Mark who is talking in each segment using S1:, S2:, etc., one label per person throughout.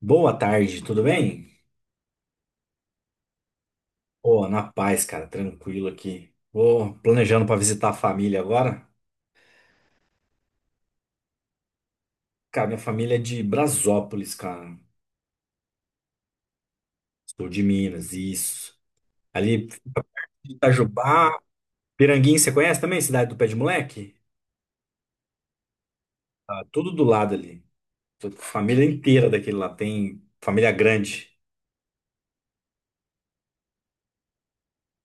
S1: Boa tarde, tudo bem? Pô, na paz, cara, tranquilo aqui. Vou planejando para visitar a família agora. Cara, minha família é de Brasópolis, cara. Sou de Minas, isso. Ali, Itajubá, Piranguinho, você conhece também? Cidade do Pé de Moleque? Tá tudo do lado ali. Tô com família inteira daquele lá, tem família grande.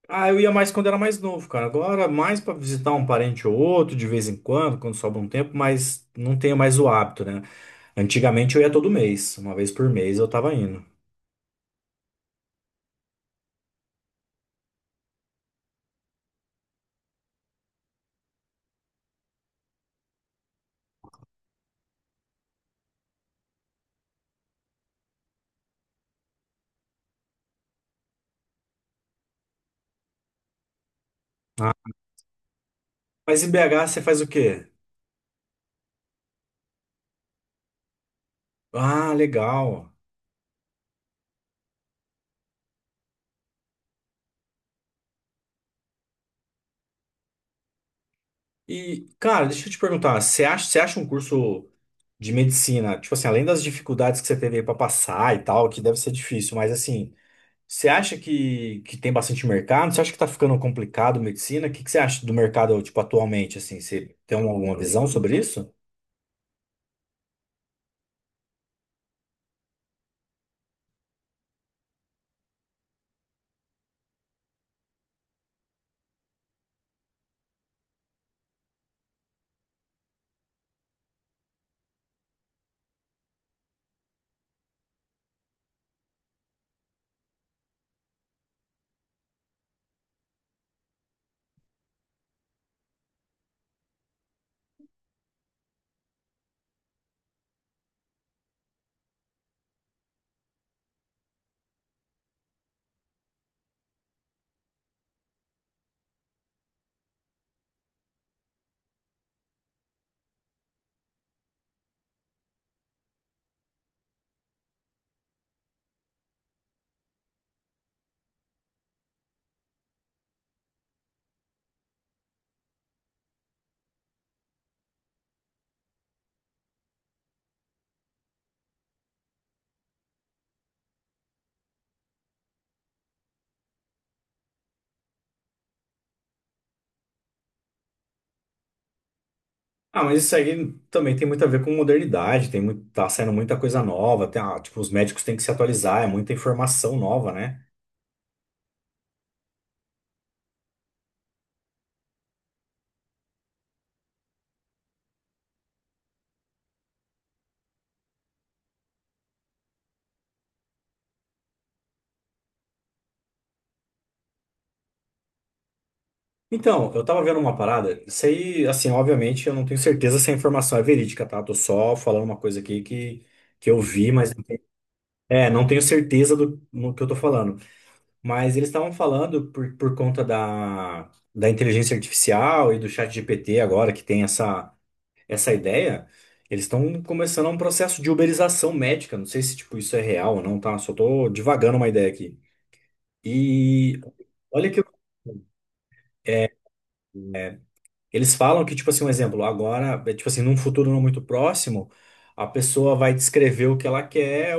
S1: Ah, eu ia mais quando era mais novo, cara. Agora, mais pra visitar um parente ou outro, de vez em quando, quando sobra um tempo, mas não tenho mais o hábito, né? Antigamente eu ia todo mês, uma vez por mês eu tava indo. Ah, mas em BH você faz o quê? Ah, legal. E, cara, deixa eu te perguntar, você acha um curso de medicina, tipo assim, além das dificuldades que você teve aí pra passar e tal, que deve ser difícil, mas assim. Você acha que tem bastante mercado? Você acha que tá ficando complicado medicina? O que você acha do mercado, tipo, atualmente, assim? Você tem alguma visão sobre isso? Ah, mas isso aí também tem muito a ver com modernidade, tem muito, tá saindo muita coisa nova, tem, tipo, os médicos têm que se atualizar, é muita informação nova, né? Então, eu tava vendo uma parada, isso aí, assim, obviamente eu não tenho certeza se a informação é verídica, tá? Tô só falando uma coisa aqui que eu vi, mas é, não tenho certeza do no que eu tô falando. Mas eles estavam falando por conta da inteligência artificial e do chat GPT agora, que tem essa ideia, eles estão começando um processo de uberização médica. Não sei se tipo, isso é real ou não, tá? Só tô divagando uma ideia aqui. E olha que eles falam que, tipo assim, um exemplo, agora, é, tipo assim, num futuro não muito próximo, a pessoa vai descrever o que ela quer,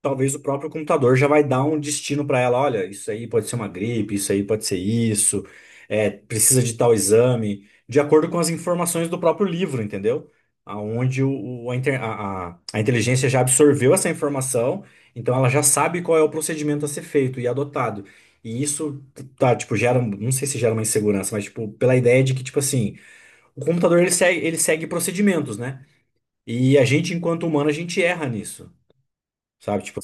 S1: talvez o próprio computador já vai dar um destino para ela. Olha, isso aí pode ser uma gripe, isso aí pode ser isso, é, precisa de tal exame, de acordo com as informações do próprio livro, entendeu? Aonde o- a, inter- a inteligência já absorveu essa informação, então ela já sabe qual é o procedimento a ser feito e adotado. E isso tá, tipo, gera, não sei se gera uma insegurança, mas tipo, pela ideia de que, tipo assim, o computador ele segue procedimentos, né? E a gente, enquanto humano, a gente erra nisso, sabe? Tipo,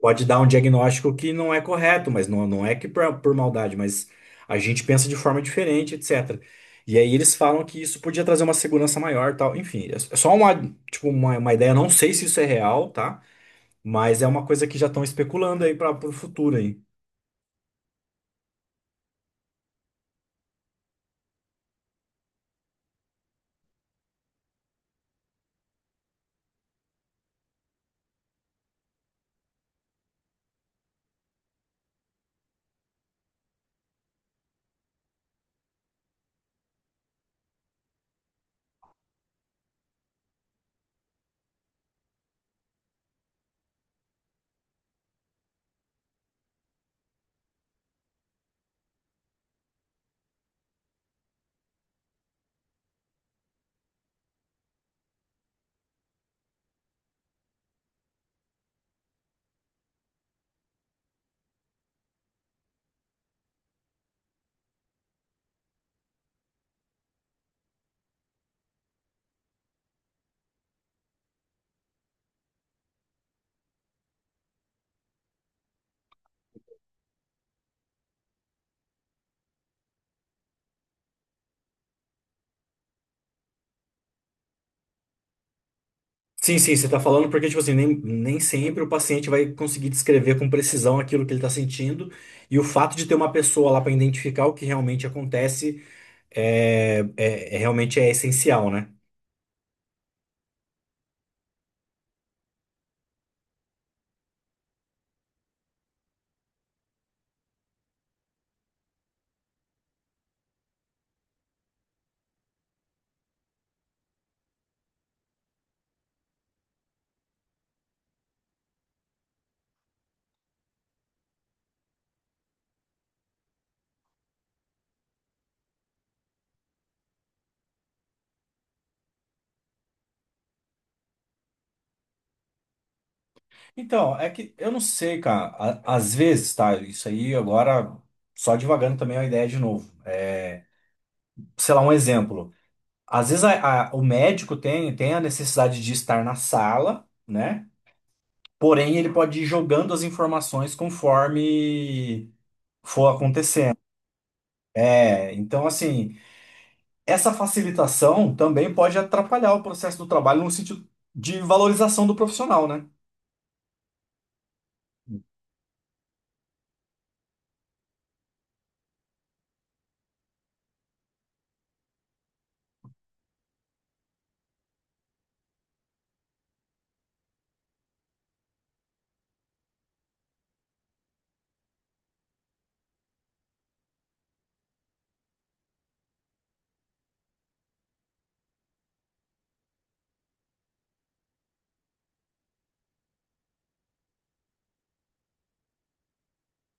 S1: pode dar um diagnóstico que não é correto, mas não, não é que por maldade, mas a gente pensa de forma diferente, etc. E aí eles falam que isso podia trazer uma segurança maior, tal. Enfim, é só uma, tipo, uma ideia, não sei se isso é real, tá? Mas é uma coisa que já estão especulando aí para o futuro aí. Sim, sim, você está falando porque, tipo assim, nem sempre o paciente vai conseguir descrever com precisão aquilo que ele está sentindo, e o fato de ter uma pessoa lá para identificar o que realmente acontece realmente é essencial, né? Então, é que eu não sei, cara. Às vezes, tá? Isso aí agora, só divagando também a ideia de novo. É, sei lá, um exemplo. Às vezes o médico tem a necessidade de estar na sala, né? Porém, ele pode ir jogando as informações conforme for acontecendo. É, então, assim, essa facilitação também pode atrapalhar o processo do trabalho no sentido de valorização do profissional, né?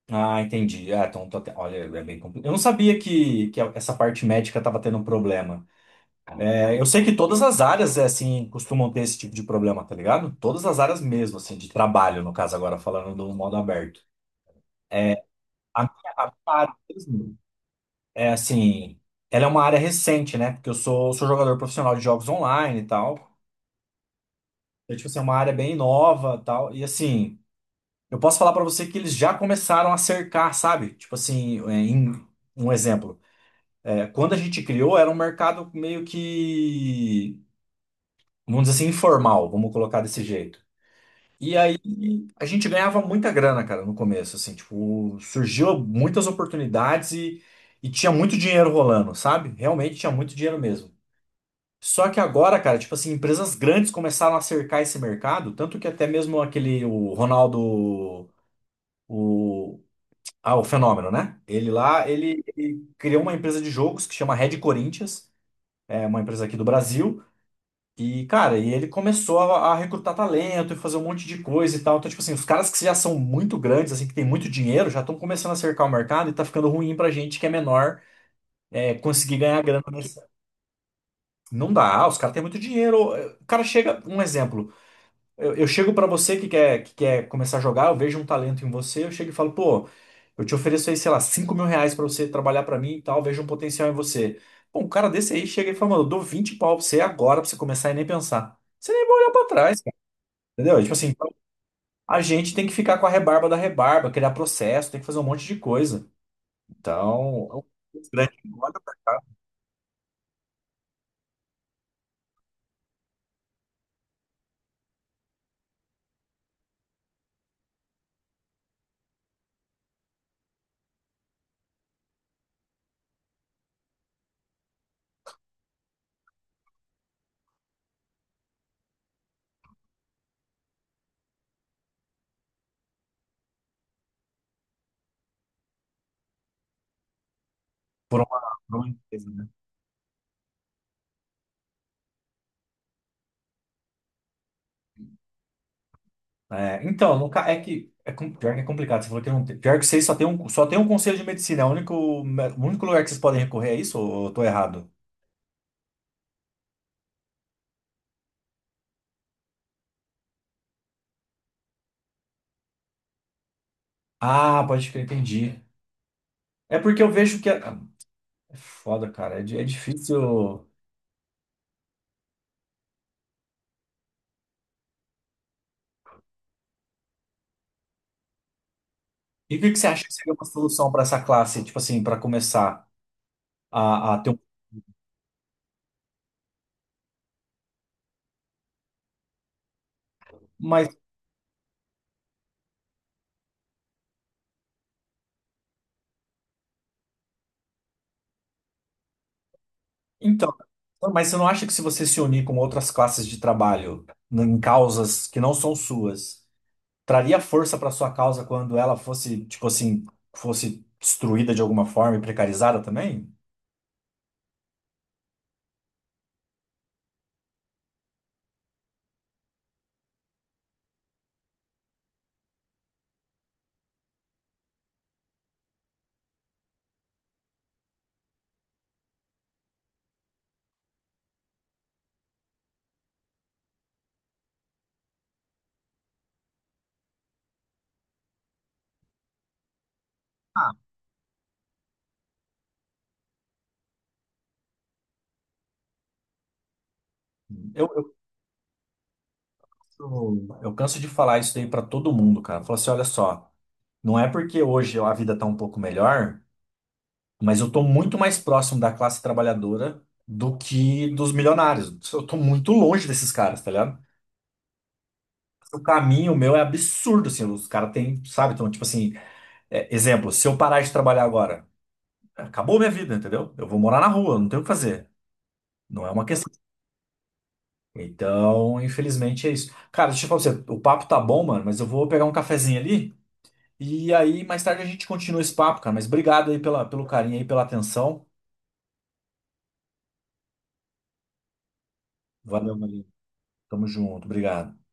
S1: Ah, entendi. Ah, olha, é bem complicado. Eu não sabia que essa parte médica estava tendo problema. É, eu sei que todas as áreas, é, assim, costumam ter esse tipo de problema, tá ligado? Todas as áreas mesmo, assim, de trabalho, no caso, agora falando do modo aberto. A minha área mesmo é, assim, ela é uma área recente, né? Porque eu sou jogador profissional de jogos online e tal. Então, tipo assim, é uma área bem nova e tal. E, assim, eu posso falar pra você que eles já começaram a cercar, sabe? Tipo assim, é, em, um exemplo. É, quando a gente criou, era um mercado meio que, vamos dizer assim, informal, vamos colocar desse jeito. E aí a gente ganhava muita grana, cara, no começo, assim, tipo, surgiu muitas oportunidades e tinha muito dinheiro rolando, sabe? Realmente tinha muito dinheiro mesmo. Só que agora, cara, tipo assim, empresas grandes começaram a cercar esse mercado, tanto que até mesmo aquele, o Ronaldo, o, o Fenômeno, né? Ele lá, ele criou uma empresa de jogos que chama Red Corinthians, é uma empresa aqui do Brasil. E, cara, e ele começou a recrutar talento e fazer um monte de coisa e tal. Então, tipo assim, os caras que já são muito grandes, assim, que tem muito dinheiro, já estão começando a cercar o mercado e tá ficando ruim pra gente que é menor, é, conseguir ganhar grana nesse. Não dá, ah, os caras têm muito dinheiro. O cara chega, um exemplo, eu chego pra você que quer começar a jogar, eu vejo um talento em você, eu chego e falo, pô, eu te ofereço aí, sei lá, 5.000 reais pra você trabalhar pra mim e tal, vejo um potencial em você. Bom, um cara desse aí chega e fala, mano, eu dou 20 pau pra você agora pra você começar e nem pensar. Você nem vai olhar pra trás. Entendeu? E, tipo assim, então, a gente tem que ficar com a rebarba da rebarba, criar processo, tem que fazer um monte de coisa. Então, é um grande pra cá por uma empresa, né? É, então, no, ca- é que é, com- pior que é complicado. Você falou que não tem. Pior que vocês só tem um conselho de medicina. É o único lugar que vocês podem recorrer é isso ou eu tô errado? Ah, pode crer, entendi. É porque eu vejo que. É, ah, é foda, cara. É difícil. E o que que você acha que seria uma solução para essa classe, tipo assim, para começar a ter um. Então, então, mas você não acha que se você se unir com outras classes de trabalho em causas que não são suas, traria força para sua causa quando ela fosse, tipo assim, fosse destruída de alguma forma e precarizada também? Eu, eu Eu canso de falar isso daí pra todo mundo, cara. Falar assim, olha só, não é porque hoje a vida tá um pouco melhor, mas eu tô muito mais próximo da classe trabalhadora do que dos milionários. Eu tô muito longe desses caras, tá ligado? O caminho meu é absurdo, assim, os caras têm, sabe? Então, tipo assim, é, exemplo, se eu parar de trabalhar agora, acabou minha vida, entendeu? Eu vou morar na rua, não tenho o que fazer. Não é uma questão. Então, infelizmente é isso. Cara, deixa eu falar pra você, o papo tá bom, mano, mas eu vou pegar um cafezinho ali. E aí, mais tarde a gente continua esse papo, cara. Mas obrigado aí pelo carinho aí, pela atenção. Valeu, Maria. Tamo junto. Obrigado.